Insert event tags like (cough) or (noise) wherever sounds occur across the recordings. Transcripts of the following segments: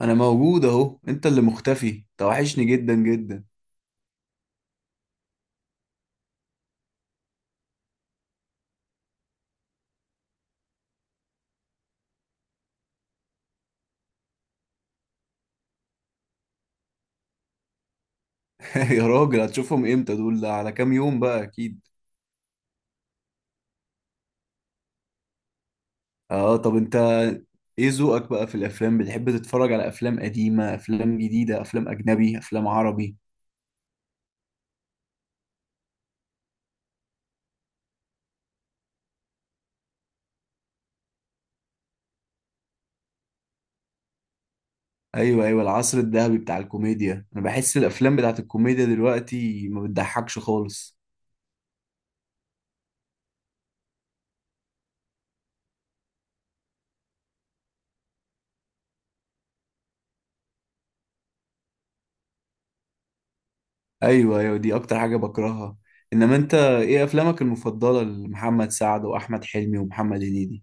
انا موجود اهو. انت اللي مختفي، توحشني جدا جدا. (laughs) يا راجل هتشوفهم امتى دول؟ ده على كام يوم بقى اكيد؟ اه، طب انت ايه ذوقك بقى في الافلام؟ بتحب تتفرج على افلام قديمة، افلام جديدة، افلام اجنبي، افلام عربي؟ ايوه ايوه، العصر الذهبي بتاع الكوميديا. انا بحس الافلام بتاعت الكوميديا دلوقتي ما بتضحكش خالص. ايوه ايوه، دي اكتر حاجة بكرهها. انما انت ايه افلامك المفضلة لمحمد سعد واحمد حلمي ومحمد هنيدي؟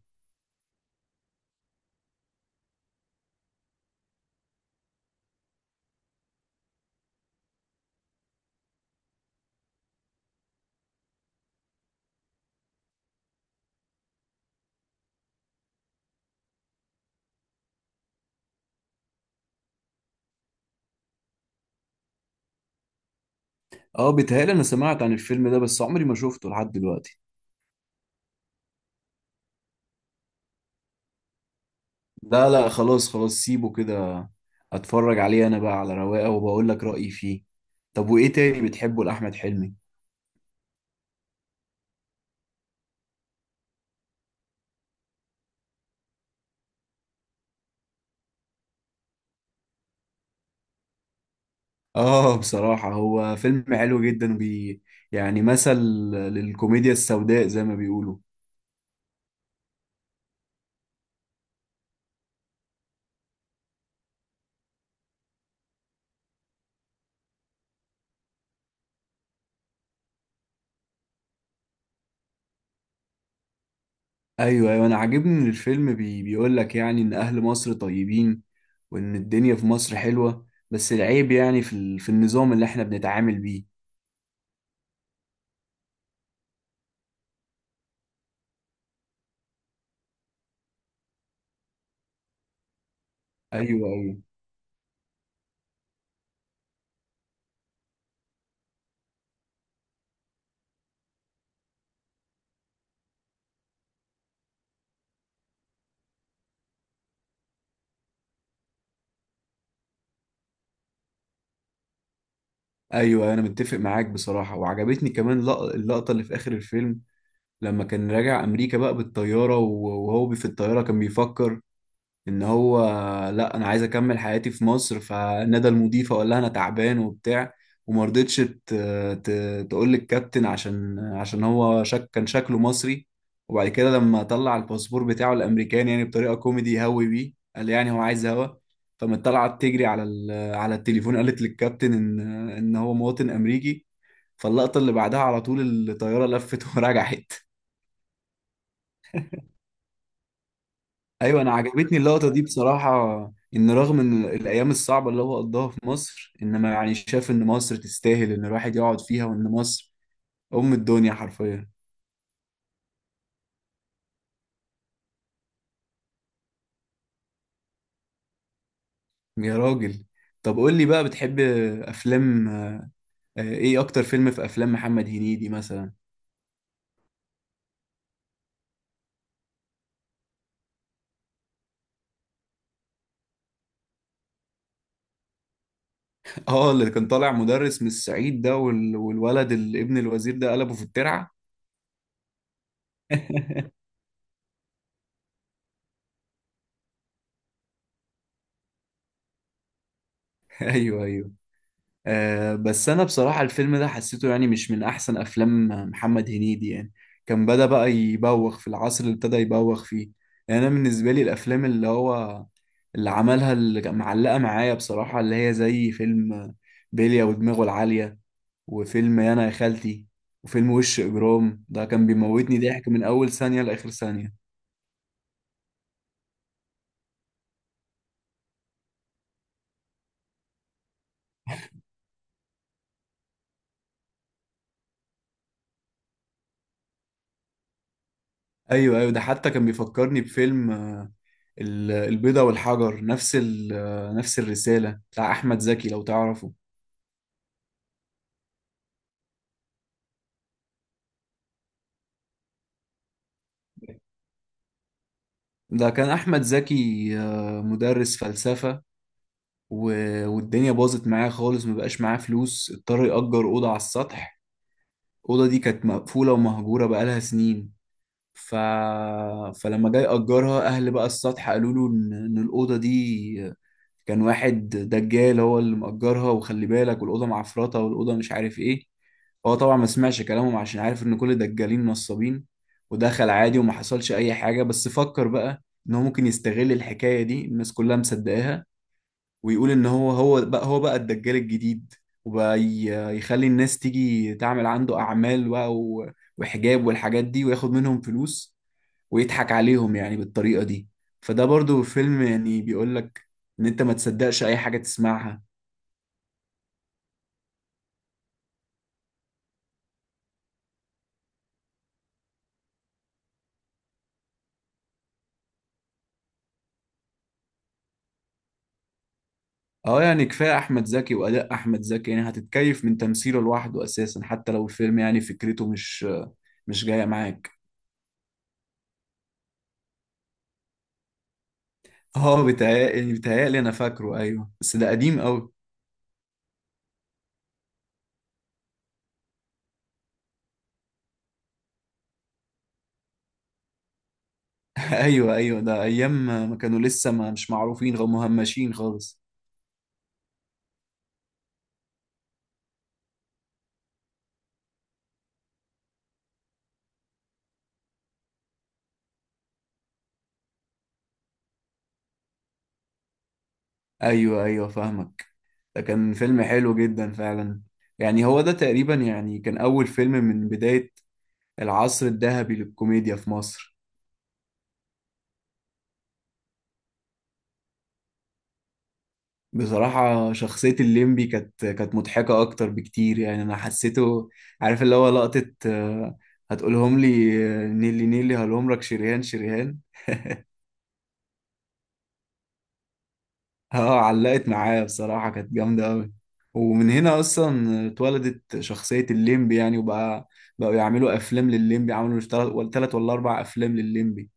اه بيتهيألي انا سمعت عن الفيلم ده، بس عمري ما شفته لحد دلوقتي. لا لا، خلاص خلاص، سيبه كده. اتفرج عليه انا بقى على رواقه وبقول لك رأيي فيه. طب وايه تاني بتحبه لأحمد حلمي؟ اه (laughs) بصراحة هو فيلم حلو جدا بي، يعني مثل للكوميديا السوداء زي ما بيقولوا. ايوه ايوه، انا عاجبني ان الفيلم بي بيقول لك يعني ان اهل مصر طيبين، وان الدنيا في مصر حلوة، بس العيب يعني في في النظام اللي احنا بنتعامل بيه. ايوه ايوه ايوه، انا متفق معاك بصراحه. وعجبتني كمان اللقطه اللي في اخر الفيلم. لما كان راجع امريكا بقى بالطياره، وهو في الطياره كان بيفكر ان هو، لا انا عايز اكمل حياتي في مصر. فنادى المضيفه وقال لها انا تعبان وبتاع، وما رضتش تقول للكابتن، عشان هو شك، كان شكله مصري. وبعد كده لما طلع الباسبور بتاعه الامريكاني، يعني بطريقه كوميدي هوي بيه، قال يعني هو عايز هوا، فما طلعت تجري على على التليفون، قالت للكابتن ان هو مواطن امريكي. فاللقطه اللي بعدها على طول الطياره لفت (laughs) ورجعت. ايوه، انا عجبتني اللقطه دي بصراحه. ان رغم ان الايام الصعبه اللي هو قضاها في مصر، انما يعني شاف ان مصر تستاهل ان الواحد يقعد فيها، وان مصر ام الدنيا حرفيا. يا راجل، طب قول لي بقى بتحب افلام ايه اكتر فيلم في افلام محمد هنيدي مثلا؟ (laughs) اه، اللي كان طالع مدرس من الصعيد ده، والولد ابن الوزير ده قلبه في الترعه. (laughs) ايوه ايوه. آه بس انا بصراحة الفيلم ده حسيته يعني مش من احسن افلام محمد هنيدي، يعني كان بدأ بقى يبوخ في العصر اللي ابتدى يبوخ فيه. يعني انا بالنسبة لي الافلام اللي هو اللي عملها اللي كان معلقة معايا بصراحة، اللي هي زي فيلم بيليا ودماغه العالية، وفيلم انا يا خالتي، وفيلم وش اجرام. ده كان بيموتني ضحك من اول ثانية لاخر ثانية. ايوه ايوه، ده حتى كان بيفكرني بفيلم البيضة والحجر، نفس نفس الرسالة، بتاع أحمد زكي لو تعرفه. ده كان أحمد زكي مدرس فلسفة، والدنيا باظت معاه خالص، مبقاش معاه فلوس، اضطر يأجر أوضة على السطح. الأوضة دي كانت مقفولة ومهجورة بقالها سنين. ف... فلما جاي أجرها، أهل بقى السطح قالوا له إن الأوضة دي كان واحد دجال هو اللي مأجرها، وخلي بالك، والأوضة معفرطة، والأوضة مش عارف إيه. هو طبعا ما سمعش كلامهم عشان عارف إن كل الدجالين نصابين. ودخل عادي وما حصلش أي حاجة. بس فكر بقى إن هو ممكن يستغل الحكاية دي، الناس كلها مصدقاها، ويقول إن هو هو بقى الدجال الجديد. وبقى يخلي الناس تيجي تعمل عنده أعمال بقى، وحجاب والحاجات دي، وياخد منهم فلوس ويضحك عليهم يعني بالطريقة دي. فده برضو فيلم يعني بيقول لك ان انت ما تصدقش اي حاجة تسمعها. اه يعني كفاية احمد زكي واداء احمد زكي، يعني هتتكيف من تمثيله لوحده اساسا حتى لو الفيلم يعني فكرته مش مش جاية معاك. (laughs) اه بيتهيألي بيتهيألي انا فاكره، ايوه، بس ده قديم قوي. (laughs) ايوه ايوه، ده ايام ما كانوا لسه ما مش معروفين غير مهمشين خالص. ايوه ايوه، فاهمك. ده كان فيلم حلو جدا فعلا. يعني هو ده تقريبا يعني كان اول فيلم من بداية العصر الذهبي للكوميديا في مصر. بصراحة شخصية الليمبي كانت مضحكة أكتر بكتير، يعني أنا حسيته، عارف، اللي هو لقطة هتقولهم لي نيلي نيلي هلومرك شريهان شريهان. (laughs) اه علقت معايا بصراحة، كانت جامدة أوي. ومن هنا أصلا اتولدت شخصية الليمبي يعني، وبقى بقوا يعملوا أفلام للليمبي، عملوا تلات ولا أربع أفلام للليمبي.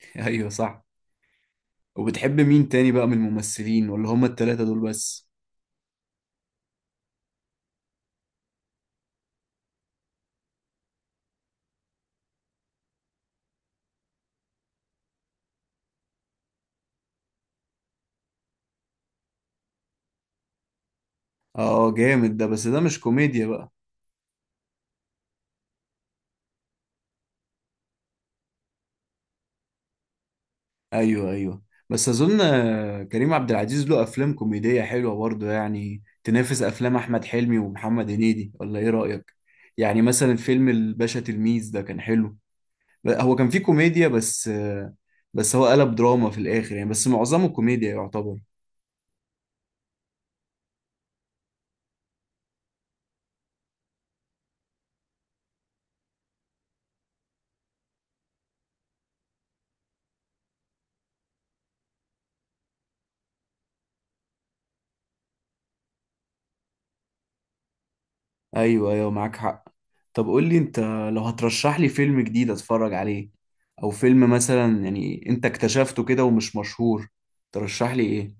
(laughs) أيوه صح. وبتحب مين تاني بقى من الممثلين ولا هما التلاتة دول بس؟ اه جامد ده، بس ده مش كوميديا بقى. ايوه ايوه، بس اظن كريم عبد العزيز له افلام كوميدية حلوة برضه، يعني تنافس افلام احمد حلمي ومحمد هنيدي، ولا ايه رأيك؟ يعني مثلا فيلم الباشا تلميذ ده كان حلو. هو كان فيه كوميديا، بس بس هو قلب دراما في الاخر يعني، بس معظمه كوميديا يعتبر. ايوه ايوه، معاك حق. طب قول لي انت، لو هترشح لي فيلم جديد اتفرج عليه، او فيلم مثلا يعني انت اكتشفته كده ومش مشهور، ترشح لي ايه؟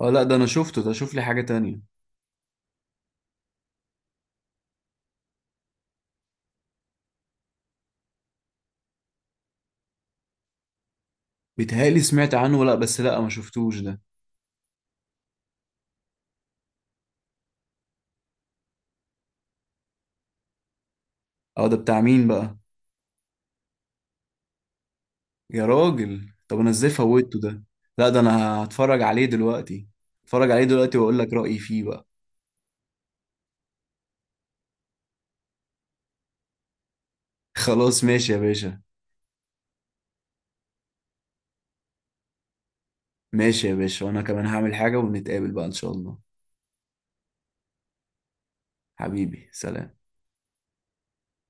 اه لا ده انا شفته، ده شوف لي حاجة تانية. بيتهيألي سمعت عنه، لا بس لا ما شفتوش ده. اه، ده بتاع مين بقى؟ يا راجل، طب انا ازاي فوتته ده؟ لا ده انا هتفرج عليه دلوقتي، هتفرج عليه دلوقتي واقول لك رأيي فيه بقى. (laughs) خلاص ماشي يا باشا. ماشي يا باشا، وانا كمان هعمل حاجة ونتقابل بقى ان شاء الله. حبيبي سلام.